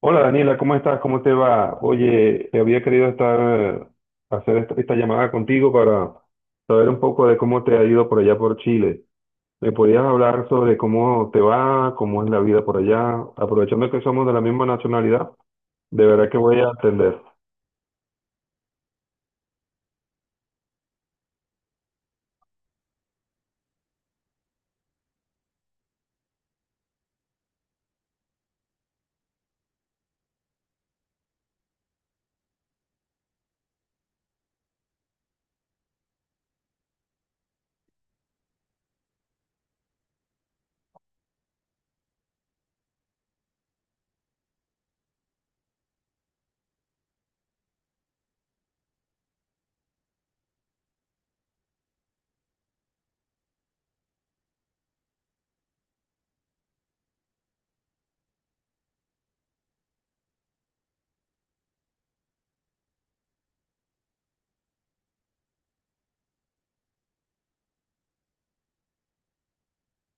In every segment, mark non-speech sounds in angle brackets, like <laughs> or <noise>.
Hola Daniela, ¿cómo estás? ¿Cómo te va? Oye, te había querido hacer esta llamada contigo para saber un poco de cómo te ha ido por allá por Chile. ¿Me podías hablar sobre cómo te va, cómo es la vida por allá? Aprovechando que somos de la misma nacionalidad, de verdad que voy a atender.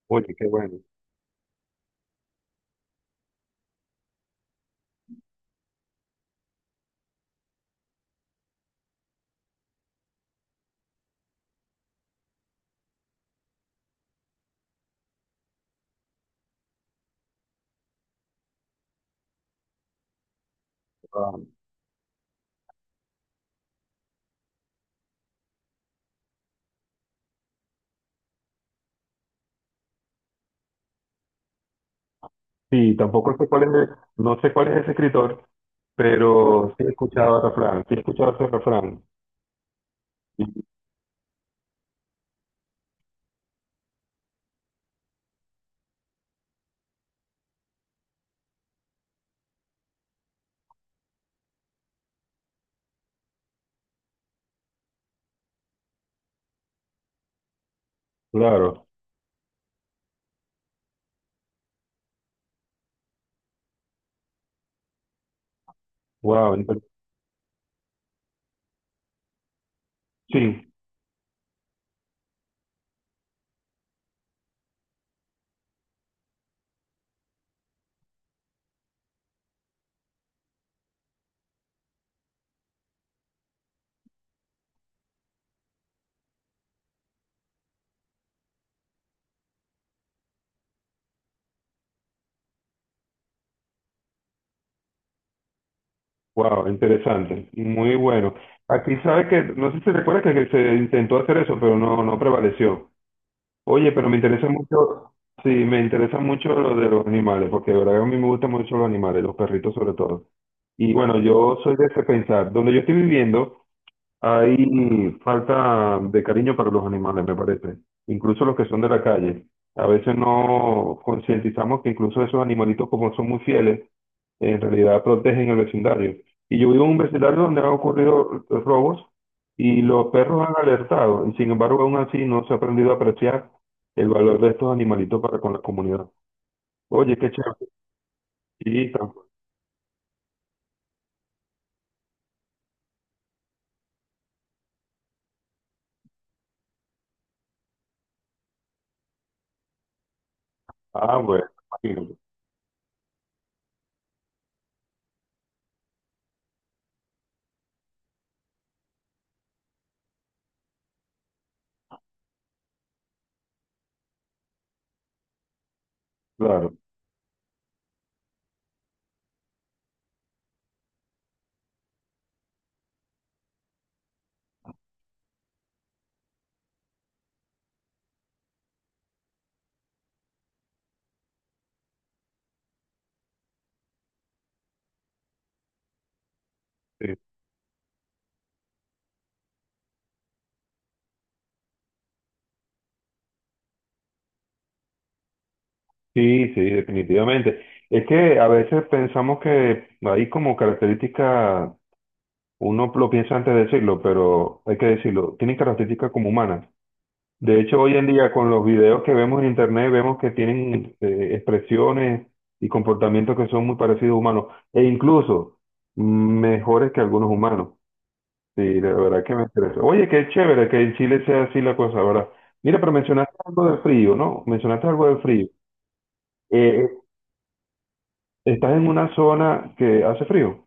Oye, qué bueno. Ah, sí, tampoco sé cuál es, no sé cuál es ese escritor, pero sí he escuchado el refrán, sí he escuchado ese refrán. Claro, wow, sí, wow, interesante, muy bueno. Aquí sabe que, no sé si recuerda que se intentó hacer eso, pero no, no prevaleció. Oye, pero me interesa mucho, sí, me interesa mucho lo de los animales, porque de verdad a mí me gustan mucho los animales, los perritos sobre todo. Y bueno, yo soy de ese pensar, donde yo estoy viviendo hay falta de cariño para los animales, me parece, incluso los que son de la calle. A veces no concientizamos que incluso esos animalitos, como son muy fieles, en realidad protegen el vecindario. Y yo vivo en un vecindario donde han ocurrido robos y los perros han alertado, y sin embargo aún así no se ha aprendido a apreciar el valor de estos animalitos para con la comunidad. Oye, qué chévere. Sí, ah, bueno, imagínate, claro. Sí, sí, sí, definitivamente. Es que a veces pensamos que hay como características, uno lo piensa antes de decirlo, pero hay que decirlo, tienen características como humanas. De hecho, hoy en día con los videos que vemos en internet, vemos que tienen expresiones y comportamientos que son muy parecidos a humanos, e incluso mejores que algunos humanos. Sí, de verdad que me interesa. Oye, qué chévere que en Chile sea así la cosa, ¿verdad? Mira, pero mencionaste algo de frío, ¿no? Mencionaste algo de frío. Eh, ¿Estás en una zona que hace frío?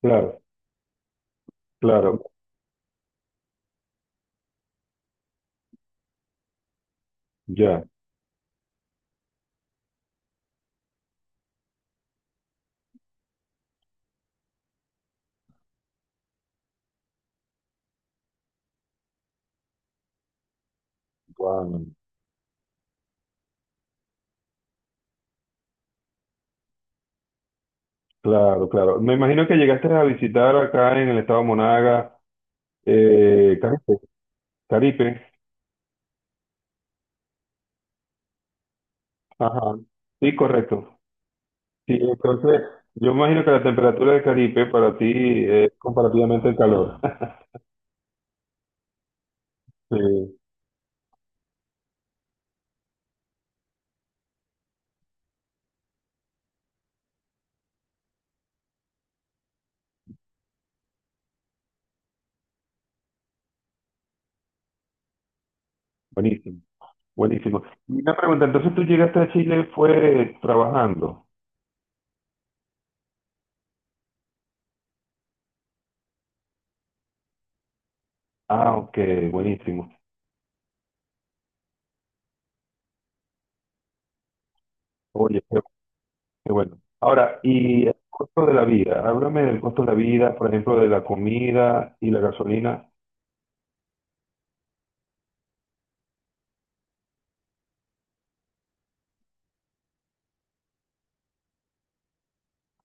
Claro, claro, ya. Guau, claro, claro. Me imagino que llegaste a visitar acá en el estado Monaga, Caripe, Caripe. Ajá. Sí, correcto. Sí, entonces, yo imagino que la temperatura de Caripe para ti es comparativamente el calor. <laughs> Sí, buenísimo. Buenísimo. Una pregunta, entonces tú llegaste a Chile fue trabajando. Ah, ok, buenísimo. Oye, qué bueno. Ahora, y el costo de la vida, háblame del costo de la vida, por ejemplo, de la comida y la gasolina.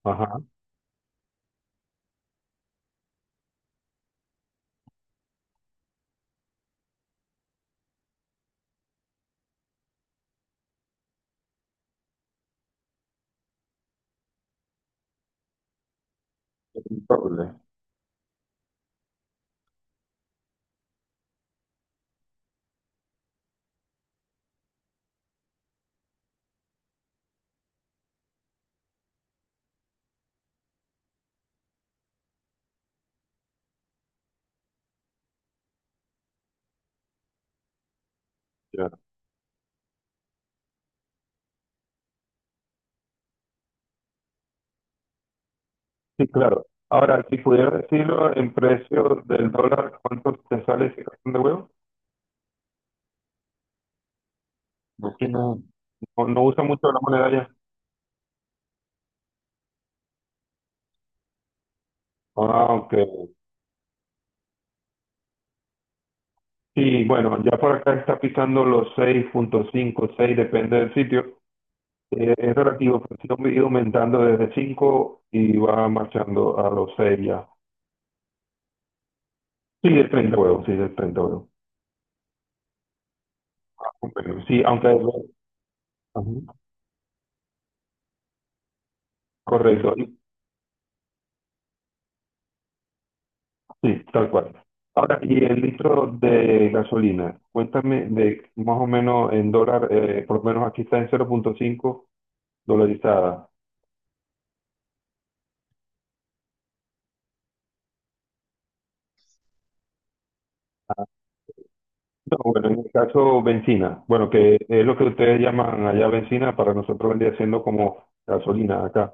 Ajá, el doble. Ya. Sí, claro. Ahora, si pudiera decirlo en precio del dólar, ¿cuánto te sale ese cartón de huevo? Porque no usa mucho la moneda ya. Ah, ok. Sí, bueno, ya por acá está pisando los 6.5 seis, depende del sitio. Es relativo, pero sí ha ido aumentando desde 5 y va marchando a los 6 ya. Sí, de 30 huevos, sí, de 30 huevos. Bueno, sí, aunque... Ajá, correcto, y- sí, tal cual. Ahora, y el litro de gasolina, cuéntame de más o menos en dólar, por lo menos aquí está en 0.5 dolarizada. No, bueno, en el caso bencina, bueno, que es lo que ustedes llaman allá bencina, para nosotros vendría siendo como gasolina acá.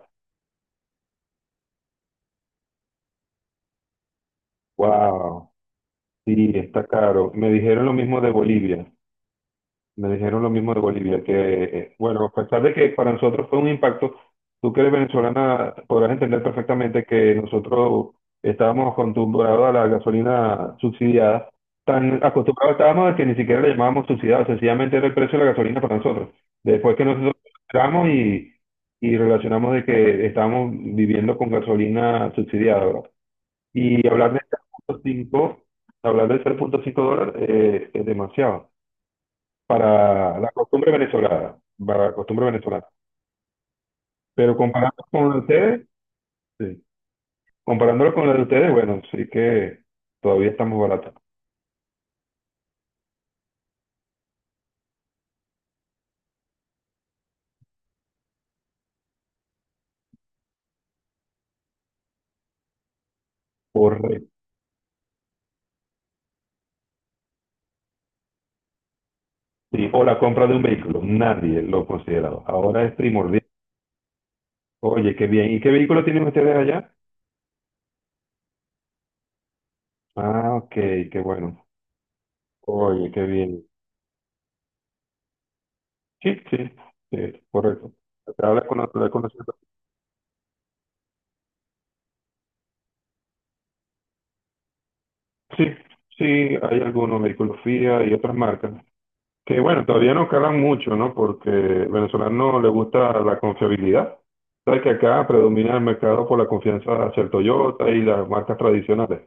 Wow. Sí, está caro. Me dijeron lo mismo de Bolivia. Me dijeron lo mismo de Bolivia, que, bueno, a pesar de que para nosotros fue un impacto, tú que eres venezolana podrás entender perfectamente que nosotros estábamos acostumbrados a la gasolina subsidiada, tan acostumbrados estábamos a que ni siquiera le llamábamos subsidiada, sencillamente era el precio de la gasolina para nosotros. Después que nosotros entramos y relacionamos de que estábamos viviendo con gasolina subsidiada, y hablar de 3.5, hablar de 3.5 dólares es demasiado para la costumbre venezolana, para la costumbre venezolana. Pero comparando con la de ustedes, sí. Comparándolo con la de ustedes, bueno, sí que todavía estamos baratos. Correcto. Sí, o la compra de un vehículo, nadie lo considera. Ahora es primordial. Oye, qué bien. ¿Y qué vehículo tienen ustedes allá? Ah, ok, qué bueno. Oye, qué bien. Sí, sí, sí, correcto. Habla con la, habla con la. Sí, sí, hay algunos, Mericulofía y otras marcas, que bueno, todavía no calan mucho, ¿no? Porque al venezolano le gusta la confiabilidad. Sabes que acá predomina el mercado por la confianza hacia el Toyota y las marcas tradicionales.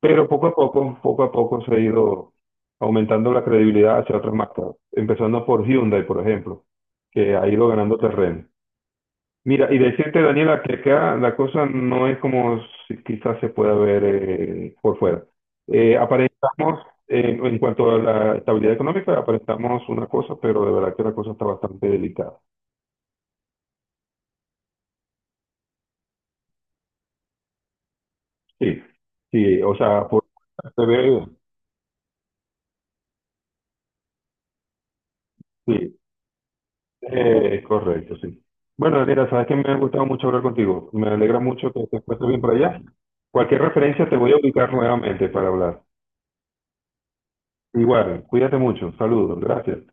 Pero poco a poco se ha ido aumentando la credibilidad hacia otras marcas, empezando por Hyundai, por ejemplo, que ha ido ganando terreno. Mira, y decirte, Daniela, que acá la cosa no es como si quizás se pueda ver por fuera. Aparentamos, en cuanto a la estabilidad económica, aparentamos una cosa, pero de verdad que la cosa está bastante delicada. Sí, sí, o sea, por se ve, sí, es correcto, sí. Bueno, Daniela, sabes que me ha gustado mucho hablar contigo. Me alegra mucho que te encuentres bien por allá. Cualquier referencia te voy a ubicar nuevamente para hablar. Igual, cuídate mucho. Saludos, gracias.